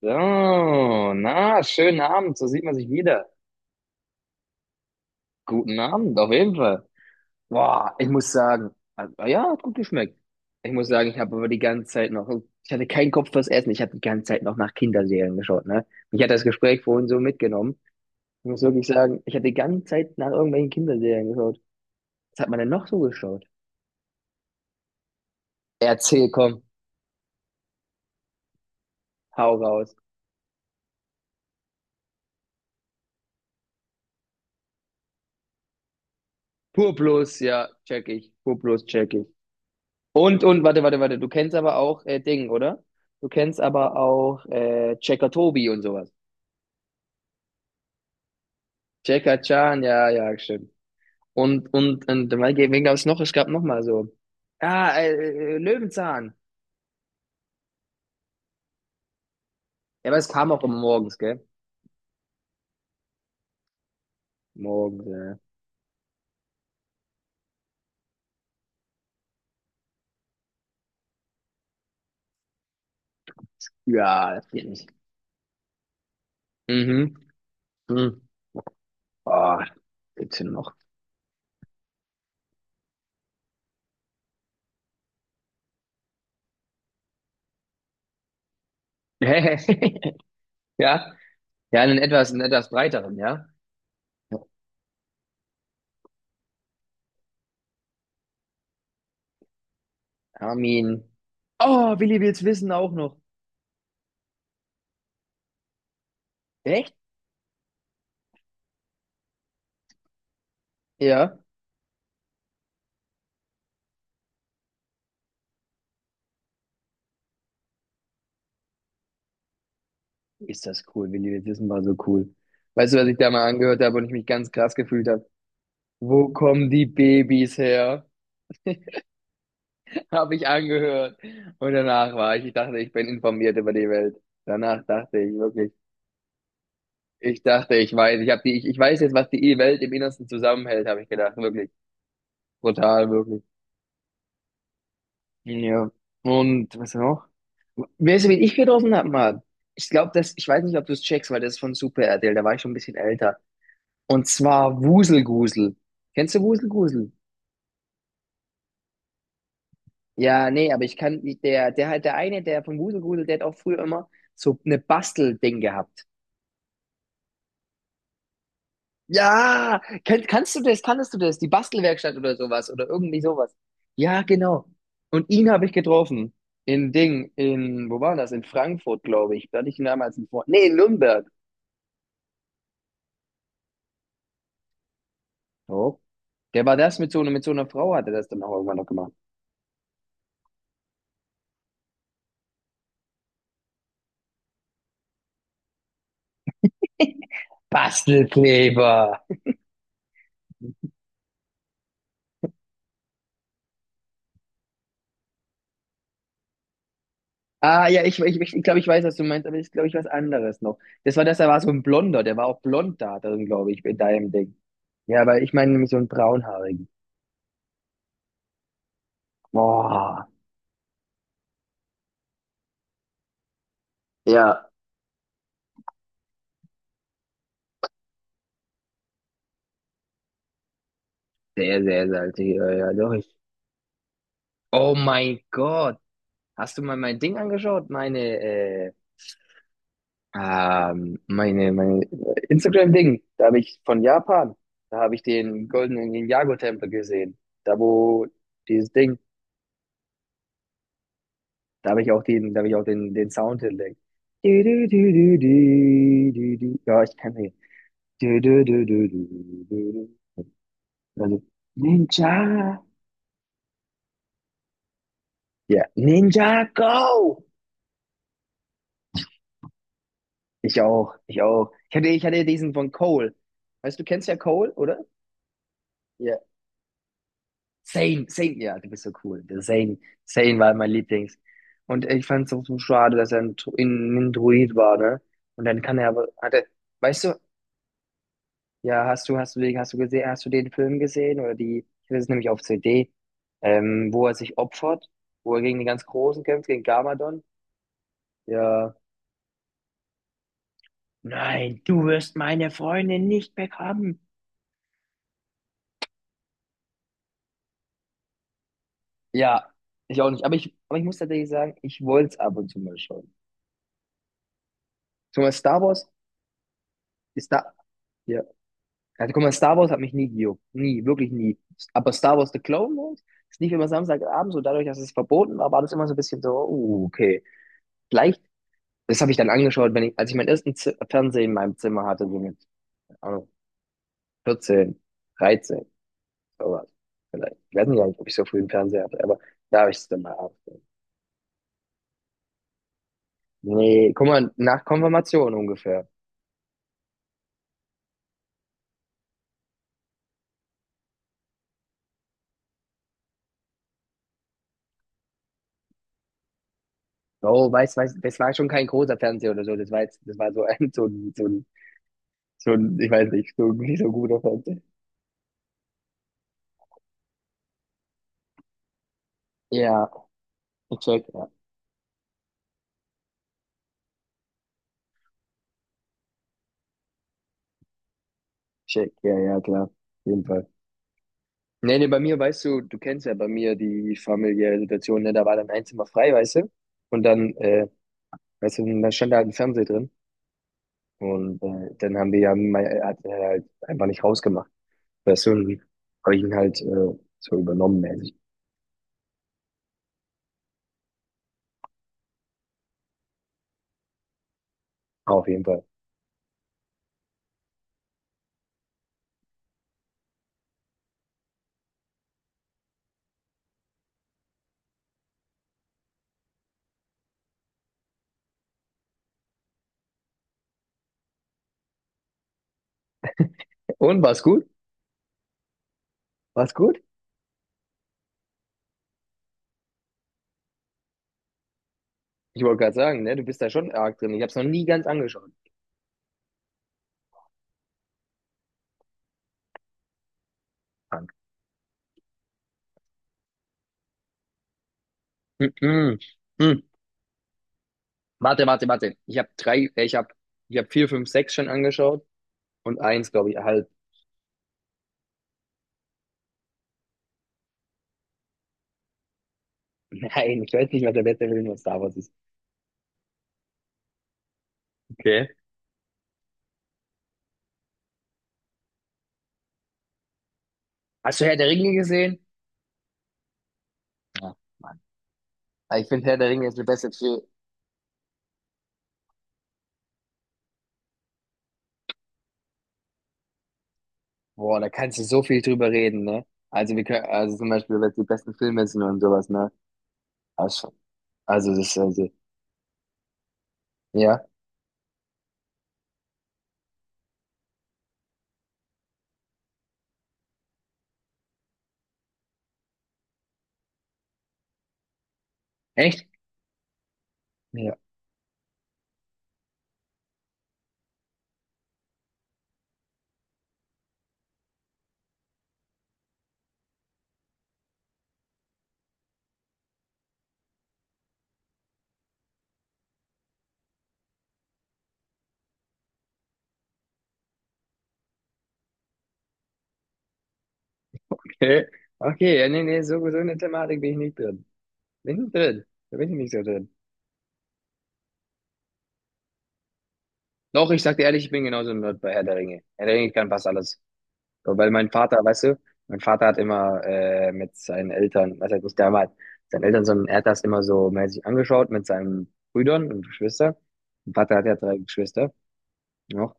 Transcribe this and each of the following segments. So, na, schönen Abend, so sieht man sich wieder. Guten Abend, auf jeden Fall. Boah, ich muss sagen, also, ja, hat gut geschmeckt. Ich muss sagen, ich habe aber die ganze Zeit noch, ich hatte keinen Kopf fürs Essen, ich habe die ganze Zeit noch nach Kinderserien geschaut, ne? Mich hat das Gespräch vorhin so mitgenommen. Ich muss wirklich sagen, ich habe die ganze Zeit nach irgendwelchen Kinderserien geschaut. Was hat man denn noch so geschaut? Erzähl, komm, hau raus. Pur Plus, ja, check ich. Pur Plus, check ich. Und warte, warte, warte, du kennst aber auch Ding, oder? Du kennst aber auch Checker Tobi und sowas. Checker Chan, ja, ja, stimmt. Und, wen gab es noch? Es gab noch mal so. Ah, Löwenzahn. Ja, aber es kam auch immer morgens, gell? Morgens, ja. Ja, das geht nicht. Mhm. Mhm. Oh, gibt's denn noch? Ja, ja, einen etwas breiteren, ja? Armin. Oh, Willi will's wissen auch noch. Echt? Ja. Ist das cool, Willi? Das ist mal so cool. Weißt du, was ich da mal angehört habe und ich mich ganz krass gefühlt habe? Wo kommen die Babys her? Habe ich angehört. Und danach war ich, ich dachte, ich bin informiert über die Welt. Danach dachte ich wirklich, ich dachte, ich weiß, ich habe die, ich weiß jetzt, was die Welt im Innersten zusammenhält, habe ich gedacht, wirklich. Brutal, wirklich. Ja. Und was noch? Weißt du, wen ich getroffen habe, Mann? Ich glaube, das, ich weiß nicht, ob du es checkst, weil das ist von Super RTL, da war ich schon ein bisschen älter. Und zwar Wuselgusel. Kennst du Wuselgusel? Ja, nee, aber ich kann nicht, der halt, der eine, der von Wuselgusel, der hat auch früher immer so eine Bastelding gehabt. Ja, kannst du das, kannst du das? Die Bastelwerkstatt oder sowas oder irgendwie sowas. Ja, genau. Und ihn habe ich getroffen. In Ding, wo war das? In Frankfurt, glaube ich. Da hatte ich ihn damals in Vor. Nee, in Nürnberg. Oh. Der war das mit so einer Frau, hat er das dann auch irgendwann noch gemacht. Bastelkleber. Ah, ja, ich glaube, ich weiß, was du meinst, aber ich glaube, ich was anderes noch. Das war das, da war so ein Blonder, der war auch blond da drin, glaube ich, in deinem Ding. Ja, aber ich meine nämlich so einen braunhaarigen. Boah. Ja, sehr, sehr salzig, ja, ja, doch. Ich. Oh mein Gott. Hast du mal mein Ding angeschaut? Meine Instagram-Ding. Da habe ich von Japan, da habe ich den goldenen Ninjago-Tempel gesehen. Da, wo dieses Ding. Da habe ich auch den, da habe ich auch den, den Sound hinlegt. Du, du, du, du, du, du, du. Ja, ich kann den. Du, du, du, du, du, du, du. Also, Ninja. Ja, Ninja Go! Ich auch, ich auch. Ich hatte diesen von Cole. Weißt du, du kennst ja Cole, oder? Ja. Zayn, Zayn, ja, du bist so cool. Der Zayn, Zayn war mein Lieblings. Und ich fand es auch so schade, dass er ein Druid war, ne? Und dann kann er aber, hatte, weißt du. Ja, hast du den, hast du gesehen, hast du den Film gesehen oder die, ich hatte es nämlich auf CD, wo er sich opfert, wo er gegen die ganz Großen kämpft, gegen Garmadon. Ja. Nein, du wirst meine Freundin nicht bekommen. Ja, ich auch nicht. aber ich muss tatsächlich sagen, ich wollte es ab und zu mal schauen. Guck mal, Star Wars ist da. Ja. Also, guck mal, Star Wars hat mich nie gejuckt. Nie, wirklich nie. Aber Star Wars The Clone Wars ist nicht immer Samstagabend, so dadurch, dass es verboten war, war das immer so ein bisschen so, okay. Gleich Das habe ich dann angeschaut, wenn ich, als ich meinen ersten Z Fernseher in meinem Zimmer hatte, so mit keine Ahnung, 14, 13, sowas. Vielleicht. Ich weiß nicht, halt, ob ich so früh einen Fernseher hatte, aber da habe ich es dann mal abgesehen. Nee, guck mal, nach Konfirmation ungefähr. Oh, weiß, das war schon kein großer Fernseher oder so. Das war jetzt, das war so ein, ich weiß nicht, so ein nicht so guter Fernseher. Ja, ich check, ja. Check, ja, ja, klar. Auf jeden Fall. Nee, nee, bei mir, weißt du, du kennst ja bei mir die familiäre Situation, ne? Da war dann ein Zimmer frei, weißt du? Und dann. Weißt du, und dann stand da halt ein Fernseher drin und dann haben wir ja, mein, hat er halt einfach nicht rausgemacht. Weißt du, und habe ich ihn halt so übernommen, mäßig. Auf jeden Fall. Und war's gut? War's gut? Ich wollte gerade sagen, ne, du bist da schon arg drin. Ich habe es noch nie ganz angeschaut. Frank. Mm-mm. Mm. Warte, warte, warte. Ich habe ich habe vier, fünf, sechs schon angeschaut und eins, glaube ich, halt. Nein, ich weiß nicht, was der beste Film von Star Wars ist. Okay. Hast du Herr der Ringe gesehen? Ja, Mann. Aber ich finde Herr der Ringe ist eine beste. Boah, da kannst du so viel drüber reden, ne? Also wir können, also zum Beispiel, was die besten Filme sind und sowas, ne? Also, also das ist also, ja. Echt? Ja. Okay. Okay, ja, nee, nee, so, in der Thematik bin ich nicht drin. Bin ich nicht drin. Da bin ich nicht so drin. Doch, ich sag dir ehrlich, ich bin genauso ein Nerd bei Herr der Ringe. Herr der Ringe kann fast alles. So, weil mein Vater, weißt du, mein Vater hat immer mit seinen Eltern, was heißt nicht damals, seinen Eltern, sondern er hat das immer so mäßig angeschaut mit seinen Brüdern und Geschwistern. Mein Vater hat ja drei Geschwister, ne?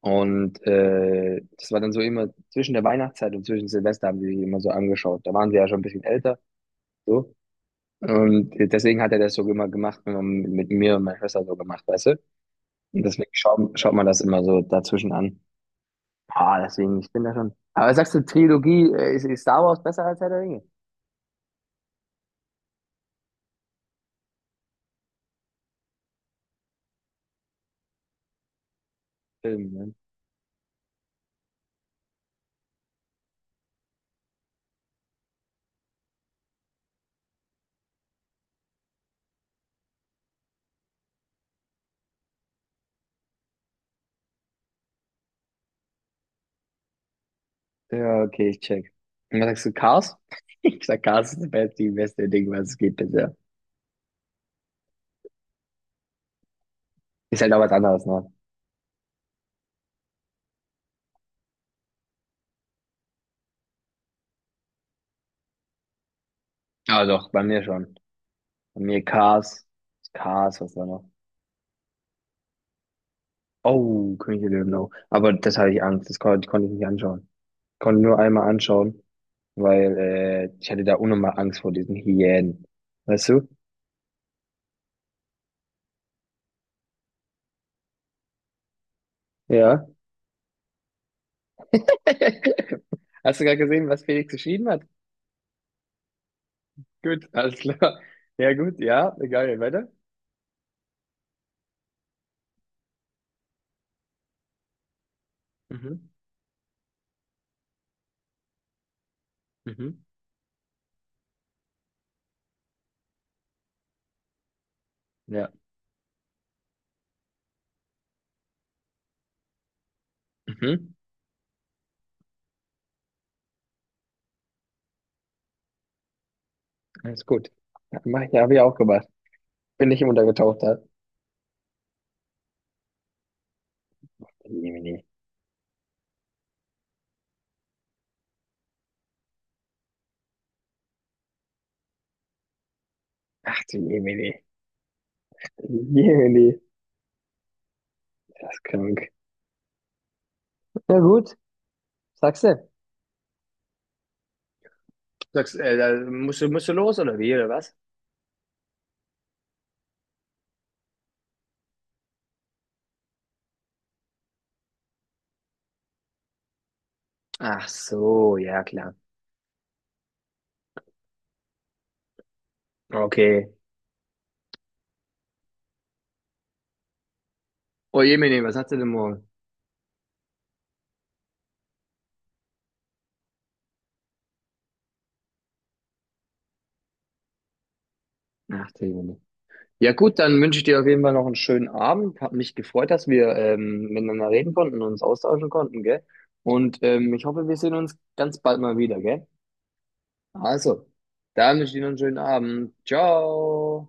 Und das war dann so immer zwischen der Weihnachtszeit und zwischen Silvester haben die sich immer so angeschaut. Da waren sie ja schon ein bisschen älter, so. Und deswegen hat er das so immer gemacht, immer mit mir und meiner Schwester so gemacht, weißt du? Und deswegen schaut man das immer so dazwischen an. Ah, deswegen, ich bin da schon. Aber sagst du, Trilogie, ist Star Wars besser als Herr der Ringe? Film, ne? Ja, okay, ich check. Und was sagst du, Cars? Ich sag, Cars ist das beste, die beste Ding, was es gibt bisher. Ist halt auch was anderes, ne? Aber doch, bei mir schon. Bei mir Cars. Cars, was da noch? Oh, König der Löwen auch. Aber das hatte ich Angst. Das konnte ich nicht anschauen. Konnte nur einmal anschauen, weil ich hatte da unnormal Angst vor diesen Hyänen. Weißt du? Ja. Hast du gerade gesehen, was Felix geschrieben hat? Gut, alles klar. Ja, gut, ja, egal, weiter. Mhm. Mhm. Ja. Mhm. Alles gut. Ja, mach ich, habe ich auch gemacht. Bin ich untergetaucht da. Jemini. Ach du Jemini. Jemini. Das ist krank. Na gut. Sagst du? Sagst, da musst du los oder wie, oder was? Ach so, ja klar. Okay. Oh Jemine, was hast du denn morgen? Ach du Jemine. Ja gut, dann wünsche ich dir auf jeden Fall noch einen schönen Abend. Hat mich gefreut, dass wir miteinander reden konnten und uns austauschen konnten, gell? Und ich hoffe, wir sehen uns ganz bald mal wieder, gell? Also, dann wünsche ich dir noch einen schönen Abend. Ciao.